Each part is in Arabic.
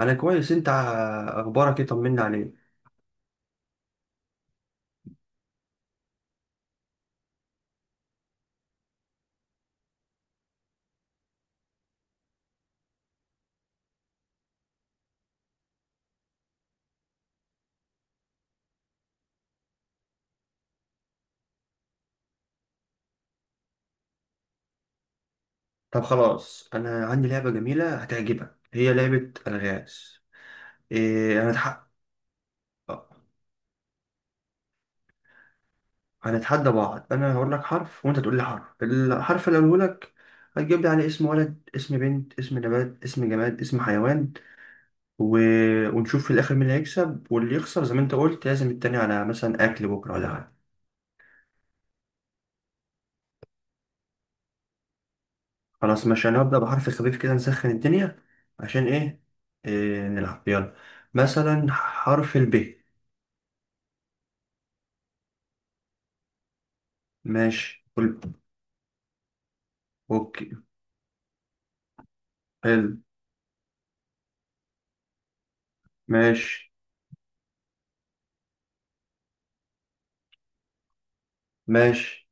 انا كويس. انت اخبارك ايه؟ طمنا عليك. طب خلاص، انا عندي لعبه جميله هتعجبك، هي لعبه الغاز. إيه هنتح... هنتحدى بعض. انا هقول لك حرف وانت تقول لي حرف، الحرف اللي اقوله لك هتجيب لي عليه اسم ولد، اسم بنت، اسم نبات، اسم جماد، اسم حيوان، و... ونشوف في الاخر مين اللي هيكسب واللي يخسر، زي ما انت قلت لازم التاني على مثلا اكل بكره ولا حاجه. خلاص ماشي، انا هبدأ بحرف خفيف كده نسخن الدنيا. عشان ايه, نلعب يلا. مثلا حرف الب. ماشي اوكي. حلو. ماشي. ماشي.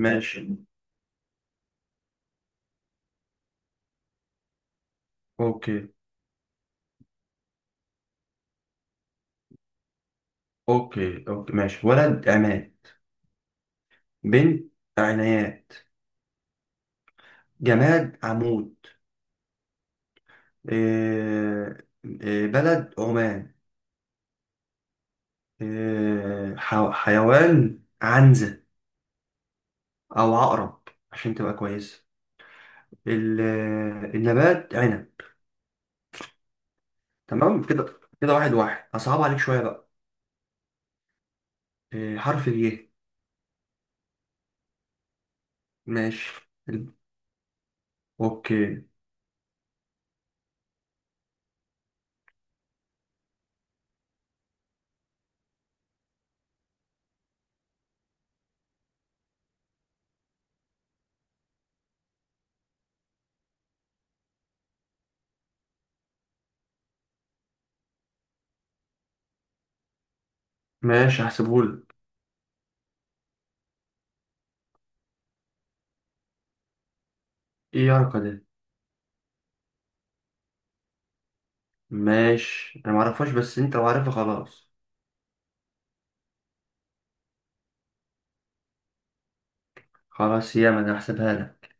ماشي. اوكي اوكي اوكي ماشي. ولد عماد. بنت عنايات. جماد عمود. إيه بلد عمان. حيوان عنزة، أو عقرب عشان تبقى كويسة. ال- النبات عنب. تمام، كده كده واحد واحد. هصعب عليك شوية بقى. حرف الياء. ماشي. حلو. اوكي. ماشي، هحسبهولك. ايه يا رقا ده؟ ماشي، انا معرفهاش بس انت لو عارفها خلاص. خلاص ياما انا هحسبها لك.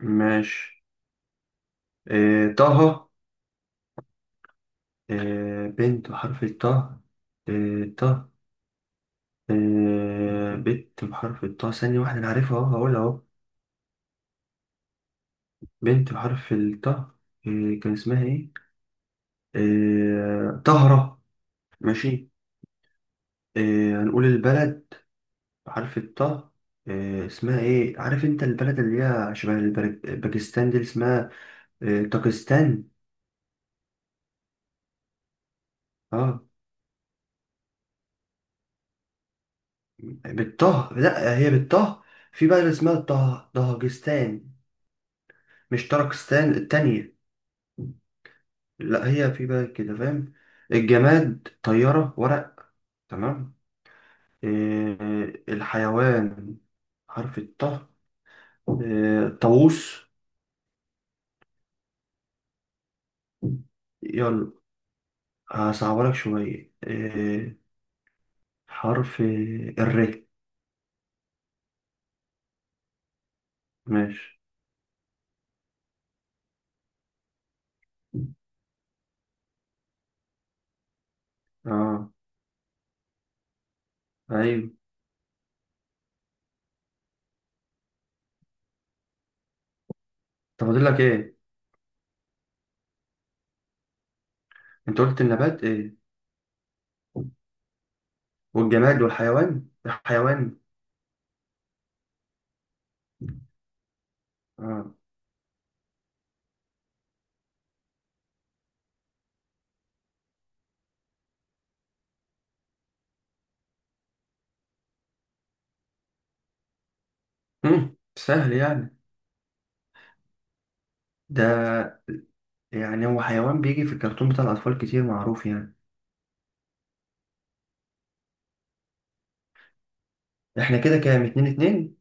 ماشي. طه. بنت بحرف الطه. طه. إيه بنت بحرف الطه، ثانية واحدة انا عارفها اهو هقولها اهو. بنت بحرف الطه. كان اسمها ايه؟ طهرة. ماشي. هنقول البلد. عارف الطه. اسمها ايه؟ عارف انت البلد اللي هي شبه باكستان دي، اللي اسمها طاقستان. اه، بالطه، لا هي بالطه. في بلد اسمها طه، طهجستان، مش طرقستان التانية. لا هي في بلد كده، فاهم. الجماد طيارة ورق. تمام. الحيوان حرف الطه. طاووس. يلا. هصعبلك شوية. حرف الر. ماشي. اه. ايوه. طب فاضل لك ايه؟ انت قلت النبات ايه والجماد والحيوان؟ الحيوان. اه. سهل يعني ده. يعني هو حيوان بيجي في الكرتون بتاع الاطفال كتير، معروف يعني. احنا كده كام؟ اتنين اتنين.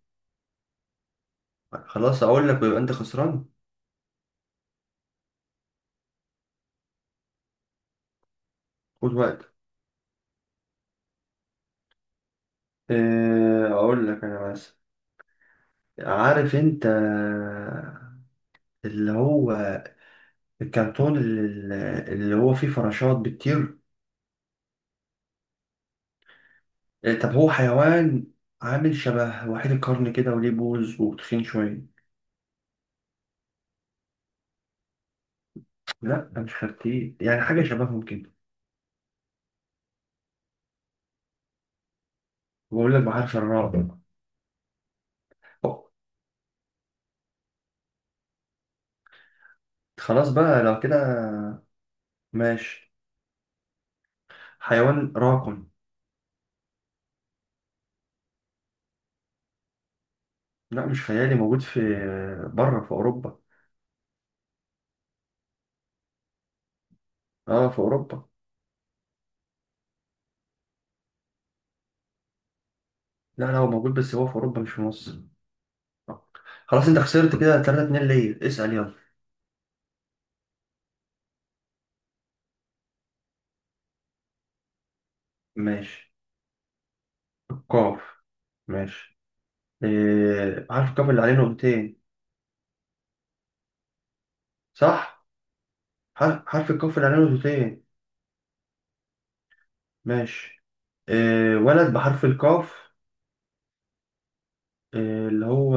خلاص اقول لك ويبقى انت خسران. خد وقت. اقول لك انا، بس عارف انت اللي هو الكرتون اللي هو فيه فراشات بتطير. طب هو حيوان عامل شبه وحيد القرن كده وليه بوز وتخين شوية. لا مش خرتيت، يعني حاجة شبههم كده. بقول لك بحرف الراء. أوه، خلاص بقى لو كده. ماشي. حيوان راكن. لا مش خيالي، موجود في بره، في أوروبا. اه، في أوروبا. لا لا، هو موجود بس هو في أوروبا مش في مصر. آه. خلاص انت خسرت كده، 3-2 ليا. اسأل يلا. ماشي. القاف. ماشي. إيه. حرف القاف اللي عليه نقطتين. صح. حرف القاف اللي عليه نقطتين. ماشي. آه ولد بحرف القاف. آه اللي هو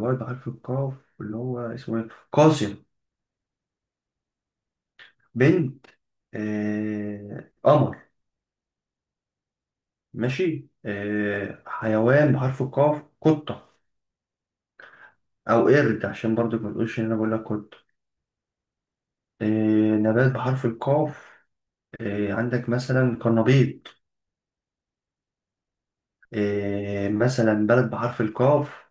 ولد بحرف القاف اللي هو اسمه ايه، قاسم. بنت، آه، قمر. ماشي. آه حيوان بحرف القاف، قطة، أو قرد عشان برضو ما تقولش إن أنا بقول لك قطة. آه، نبات بحرف القاف، آه عندك مثلا قرنبيط. آه مثلا بلد بحرف القاف،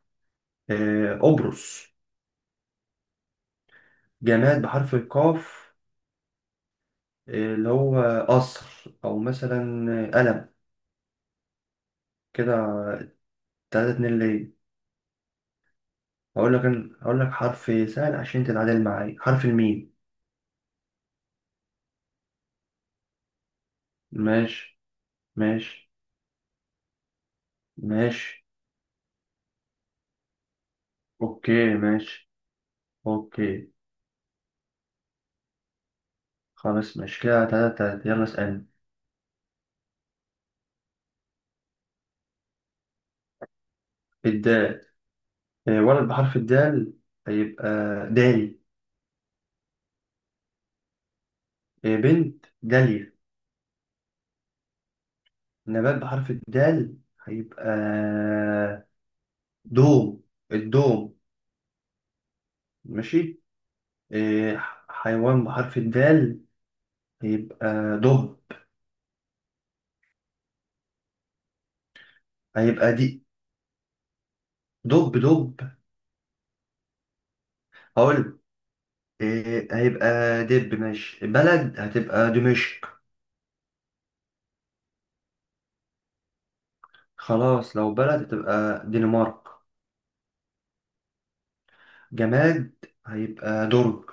آه قبرص. جماد بحرف القاف اللي هو قصر، او مثلا قلم. كده تلاتة اتنين ليا. هقول لك حرف سهل عشان تتعادل معايا، حرف الميم. ماشي. ماشي. ماشي. اوكي ماشي. اوكي. خلاص ماشي، كده تلاتة تلاتة. يلا اسألني. الدال. آه، ولد بحرف الدال هيبقى دالي. آه، بنت داليا. نبات بحرف الدال هيبقى دوم، الدوم. ماشي. آه، حيوان بحرف الدال هيبقى دب. هيبقى دي دب. هقول إيه هيبقى دب. ماشي. بلد هتبقى دمشق. خلاص لو بلد هتبقى دنمارك. جماد هيبقى درج.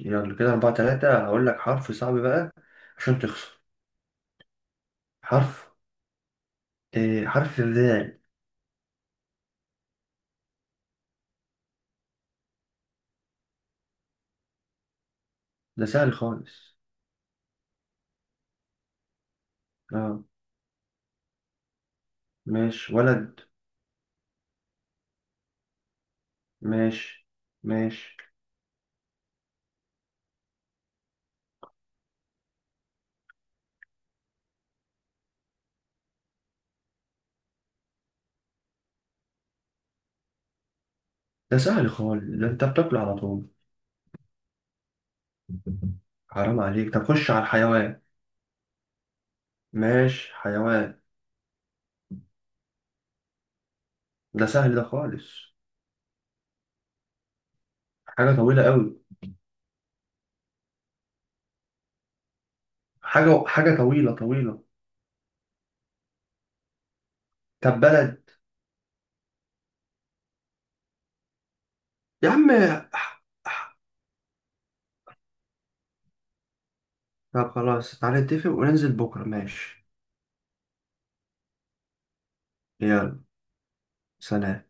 يلا كده أربعة تلاتة. هقول لك حرف صعب بقى عشان تخسر. حرف حرف الذال. ده سهل خالص. اه. ماشي. ولد. ماشي. ماشي. ده سهل خالص، ده انت بتاكله على طول. حرام عليك، طب خش على الحيوان. ماشي، حيوان. ده سهل ده خالص. حاجة طويلة قوي. حاجة طويلة. طب بلد. يا عم. ح- ح- طب خلاص، تعالى نتفق وننزل بكرة ماشي. يلا. سلام